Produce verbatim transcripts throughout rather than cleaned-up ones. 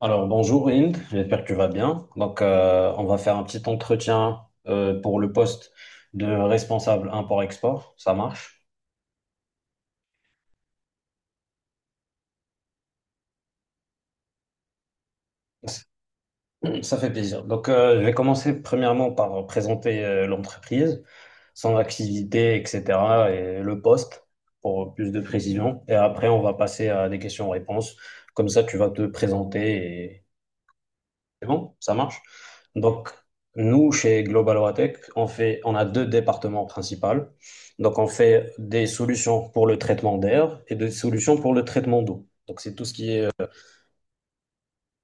Alors bonjour Hind, j'espère que tu vas bien. Donc euh, on va faire un petit entretien euh, pour le poste de responsable import-export, ça marche. Ça fait plaisir. Donc euh, je vais commencer premièrement par présenter euh, l'entreprise, son activité, et cetera et le poste pour plus de précision. Et après on va passer à des questions-réponses. Comme ça tu vas te présenter. C'est bon, ça marche. Donc, nous, chez Global Watech, on fait, on a deux départements principaux. Donc, on fait des solutions pour le traitement d'air et des solutions pour le traitement d'eau. Donc, c'est tout ce qui est.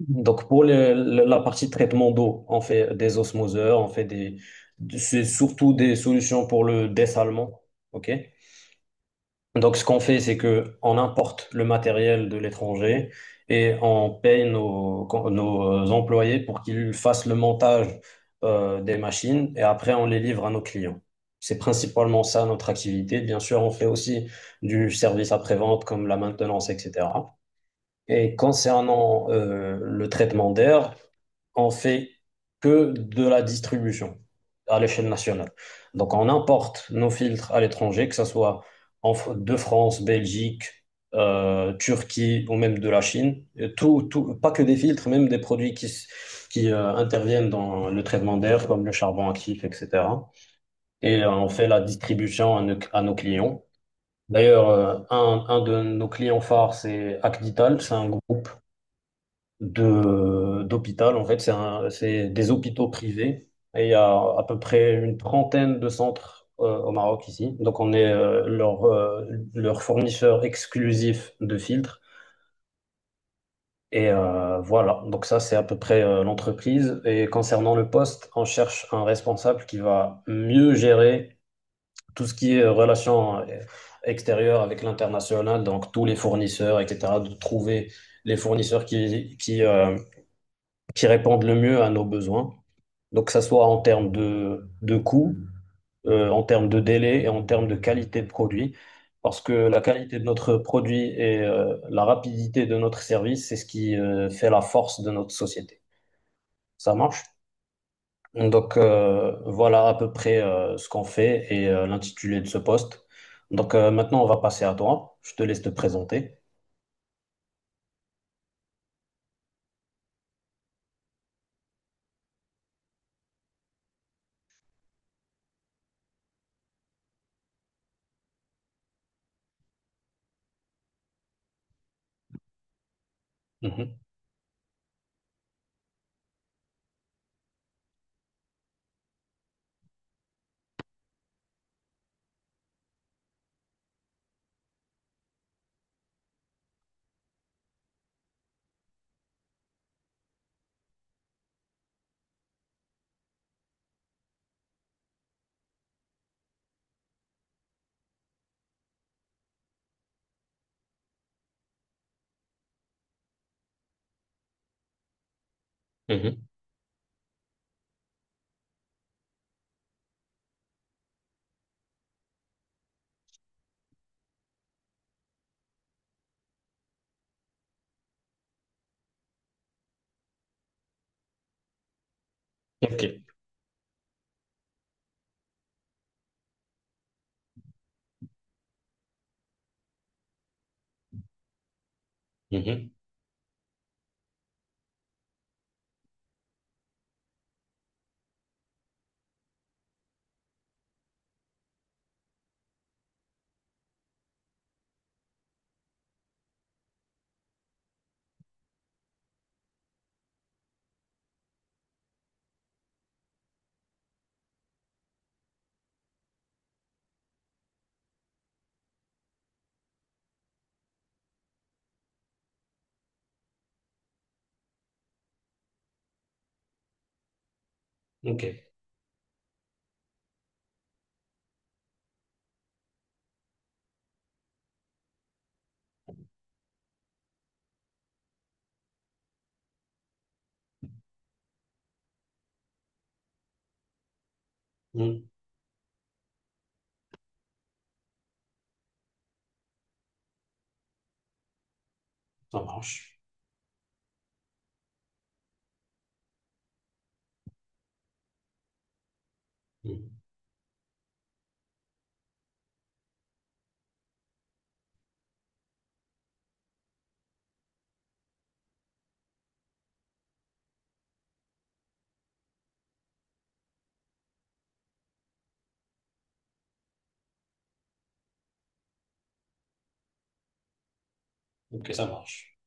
Donc, pour le- le- la partie traitement d'eau, on fait des osmoseurs, on fait des. C'est surtout des solutions pour le dessalement. OK? Donc, ce qu'on fait, c'est que on importe le matériel de l'étranger et on paye nos, nos euh, employés pour qu'ils fassent le montage euh, des machines et après on les livre à nos clients. C'est principalement ça notre activité. Bien sûr, on fait aussi du service après-vente comme la maintenance, et cetera. Et concernant euh, le traitement d'air, on fait que de la distribution à l'échelle nationale. Donc, on importe nos filtres à l'étranger, que ce soit en de France, Belgique, euh, Turquie ou même de la Chine. Et Tout, tout, pas que des filtres, même des produits qui, s- qui euh, interviennent dans le traitement d'air, comme le charbon actif, et cetera. Et euh, on fait la distribution à nos, à nos clients. D'ailleurs, euh, un, un de nos clients phares, c'est Acdital, c'est un groupe de d'hôpital. En fait, c'est un, c'est des hôpitaux privés. Et il y a à peu près une trentaine de centres euh, au Maroc ici. Donc, on est euh, leur, euh, leur fournisseur exclusif de filtres. Et euh, voilà, donc ça, c'est à peu près euh, l'entreprise. Et concernant le poste, on cherche un responsable qui va mieux gérer tout ce qui est euh, relations euh, extérieures avec l'international, donc tous les fournisseurs, et cetera, de trouver les fournisseurs qui, qui, euh, qui répondent le mieux à nos besoins. Donc, que ça soit en termes de, de coût, euh, en termes de délai et en termes de qualité de produit. Parce que la qualité de notre produit et euh, la rapidité de notre service, c'est ce qui euh, fait la force de notre société. Ça marche? Donc, euh, voilà à peu près euh, ce qu'on fait et euh, l'intitulé de ce poste. Donc, euh, maintenant, on va passer à toi. Je te laisse te présenter. Mhm, mhm. OK. Mhm, OK. Mhm. Ça marche. Mhm, OK, ça marche.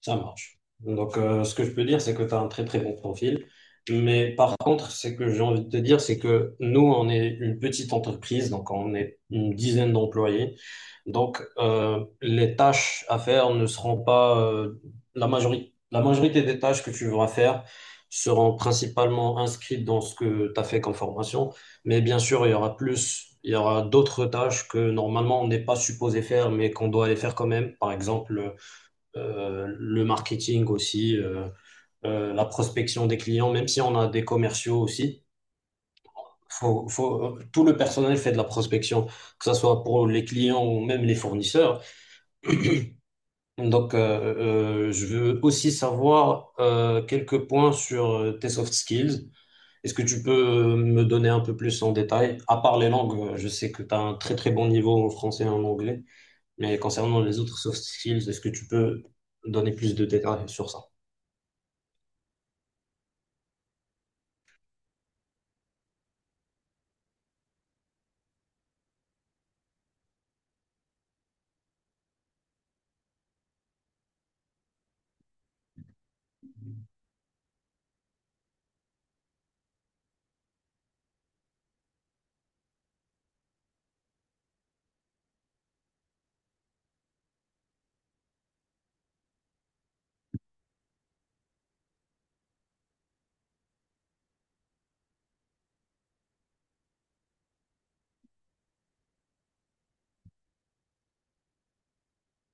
Ça marche. Donc, euh, ce que je peux dire, c'est que tu as un très très bon profil. Mais par contre, c'est que j'ai envie de te dire, c'est que nous, on est une petite entreprise, donc on est une dizaine d'employés. Donc, euh, les tâches à faire ne seront pas euh, la majorité. La majorité des tâches que tu vas faire seront principalement inscrites dans ce que tu as fait comme formation. Mais bien sûr, il y aura plus, il y aura d'autres tâches que normalement on n'est pas supposé faire, mais qu'on doit aller faire quand même. Par exemple, euh, le marketing aussi, euh, euh, la prospection des clients, même si on a des commerciaux aussi. Faut, faut, euh, tout le personnel fait de la prospection, que ce soit pour les clients ou même les fournisseurs. Donc, euh, euh, je veux aussi savoir euh, quelques points sur euh, tes soft skills. Est-ce que tu peux euh, me donner un peu plus en détail? À part les langues, euh, je sais que tu as un très très bon niveau en français et en anglais, mais concernant les autres soft skills, est-ce que tu peux donner plus de détails sur ça?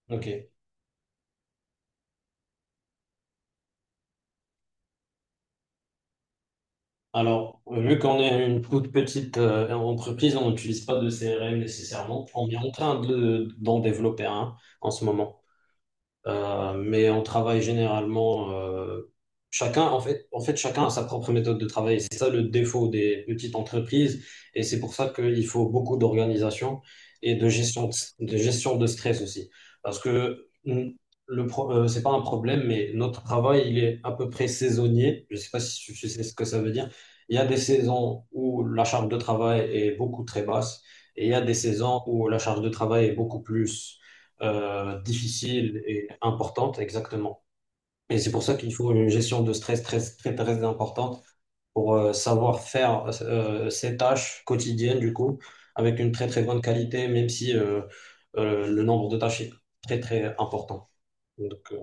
OK. Alors, vu qu'on est une toute petite euh, entreprise, on n'utilise pas de C R M nécessairement. On est en train de, d'en développer un en ce moment. Euh, mais on travaille généralement euh, chacun, en fait, en fait, chacun a sa propre méthode de travail. C'est ça le défaut des petites entreprises, et c'est pour ça qu'il faut beaucoup d'organisation et de gestion de, de gestion de stress aussi, parce que mm, le pro- euh, c'est pas un problème, mais notre travail il est à peu près saisonnier. Je sais pas si tu tu sais ce que ça veut dire. Il y a des saisons où la charge de travail est beaucoup très basse, et il y a des saisons où la charge de travail est beaucoup plus euh, difficile et importante, exactement. Et c'est pour ça qu'il faut une gestion de stress très, très, très importante pour euh, savoir faire euh, ces tâches quotidiennes, du coup, avec une très, très bonne qualité, même si euh, euh, le nombre de tâches est très, très important. Donc, euh,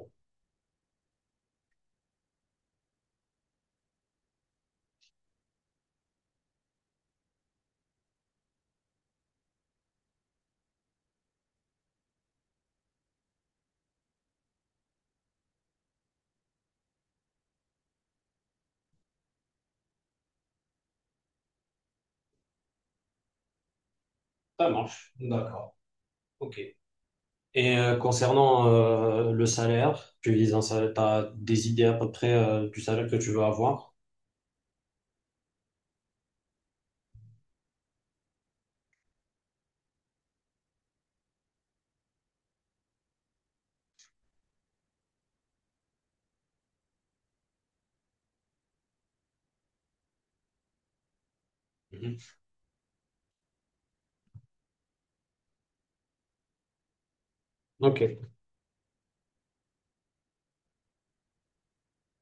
ça marche. D'accord. OK. Et euh, concernant euh, le salaire, tu vises un salaire, t'as des idées à peu près euh, du salaire que tu veux avoir? Mhm. OK.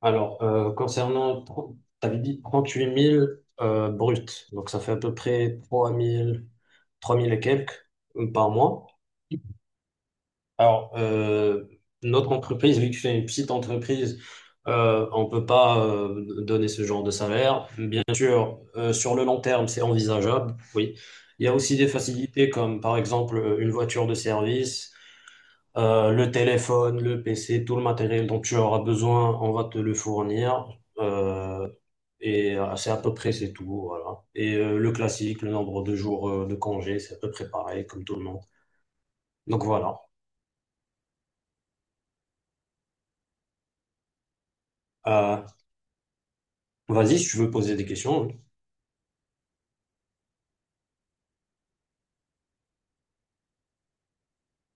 Alors, euh, concernant, tro- t'avais dit trente-huit mille euh, bruts, donc ça fait à peu près trois mille, trois mille et quelques euh, par mois. Alors, euh, notre entreprise, vu que c'est une petite entreprise, euh, on peut pas euh, donner ce genre de salaire. Bien sûr, euh, sur le long terme, c'est envisageable, oui. Il y a aussi des facilités comme, par exemple, une voiture de service. Euh, le téléphone, le P C, tout le matériel dont tu auras besoin, on va te le fournir. Euh, et euh, c'est à peu près c'est tout, voilà. Et euh, le classique, le nombre de jours euh, de congé, c'est à peu près pareil comme tout le monde. Donc voilà. Euh, Vas-y, si tu veux poser des questions.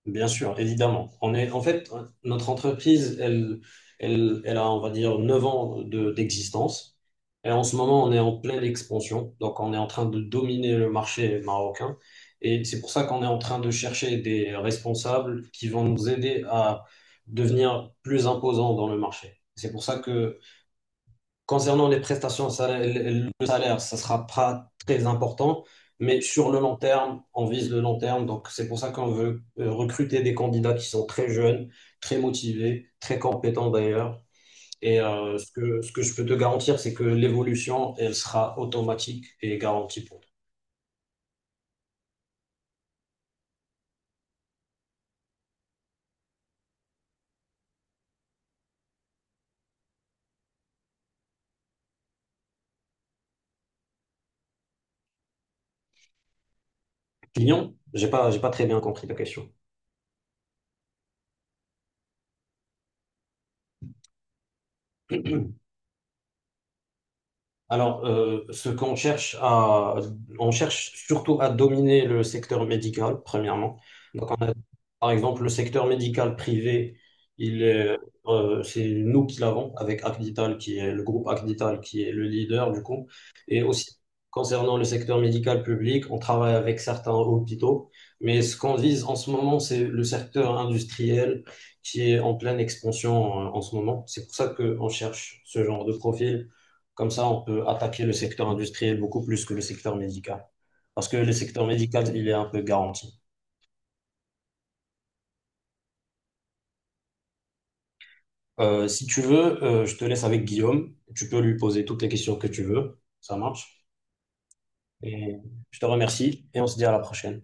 Bien sûr, évidemment. On est, en fait, notre entreprise, elle, elle, elle a, on va dire, neuf ans de- d'existence. Et en ce moment, on est en pleine expansion. Donc, on est en train de dominer le marché marocain. Et c'est pour ça qu'on est en train de chercher des responsables qui vont nous aider à devenir plus imposants dans le marché. C'est pour ça que Concernant les prestations, ça- le le salaire, ça sera pas très important, mais sur le long terme, on vise le long terme. Donc, c'est pour ça qu'on veut euh, recruter des candidats qui sont très jeunes, très motivés, très compétents d'ailleurs. Et euh, ce que, ce que je peux te garantir, c'est que l'évolution, elle sera automatique et garantie pour toi. Client, j'ai pas, j'ai pas très bien compris ta question. Alors, euh, ce qu'on cherche à, on cherche surtout à dominer le secteur médical, premièrement. Donc, on a, par exemple, le secteur médical privé, il est, euh, c'est nous qui l'avons avec Acdital, qui est le groupe Acdital, qui est le leader du coup. Et aussi, concernant le secteur médical public, on travaille avec certains hôpitaux. Mais ce qu'on vise en ce moment, c'est le secteur industriel qui est en pleine expansion, euh, en ce moment. C'est pour ça qu'on cherche ce genre de profil comme ça, on peut attaquer le secteur industriel beaucoup plus que le secteur médical. Parce que le secteur médical, il est un peu garanti. Euh, si tu veux, euh, je te laisse avec Guillaume. Tu peux lui poser toutes les questions que tu veux. Ça marche. Et je te remercie et on se dit à la prochaine.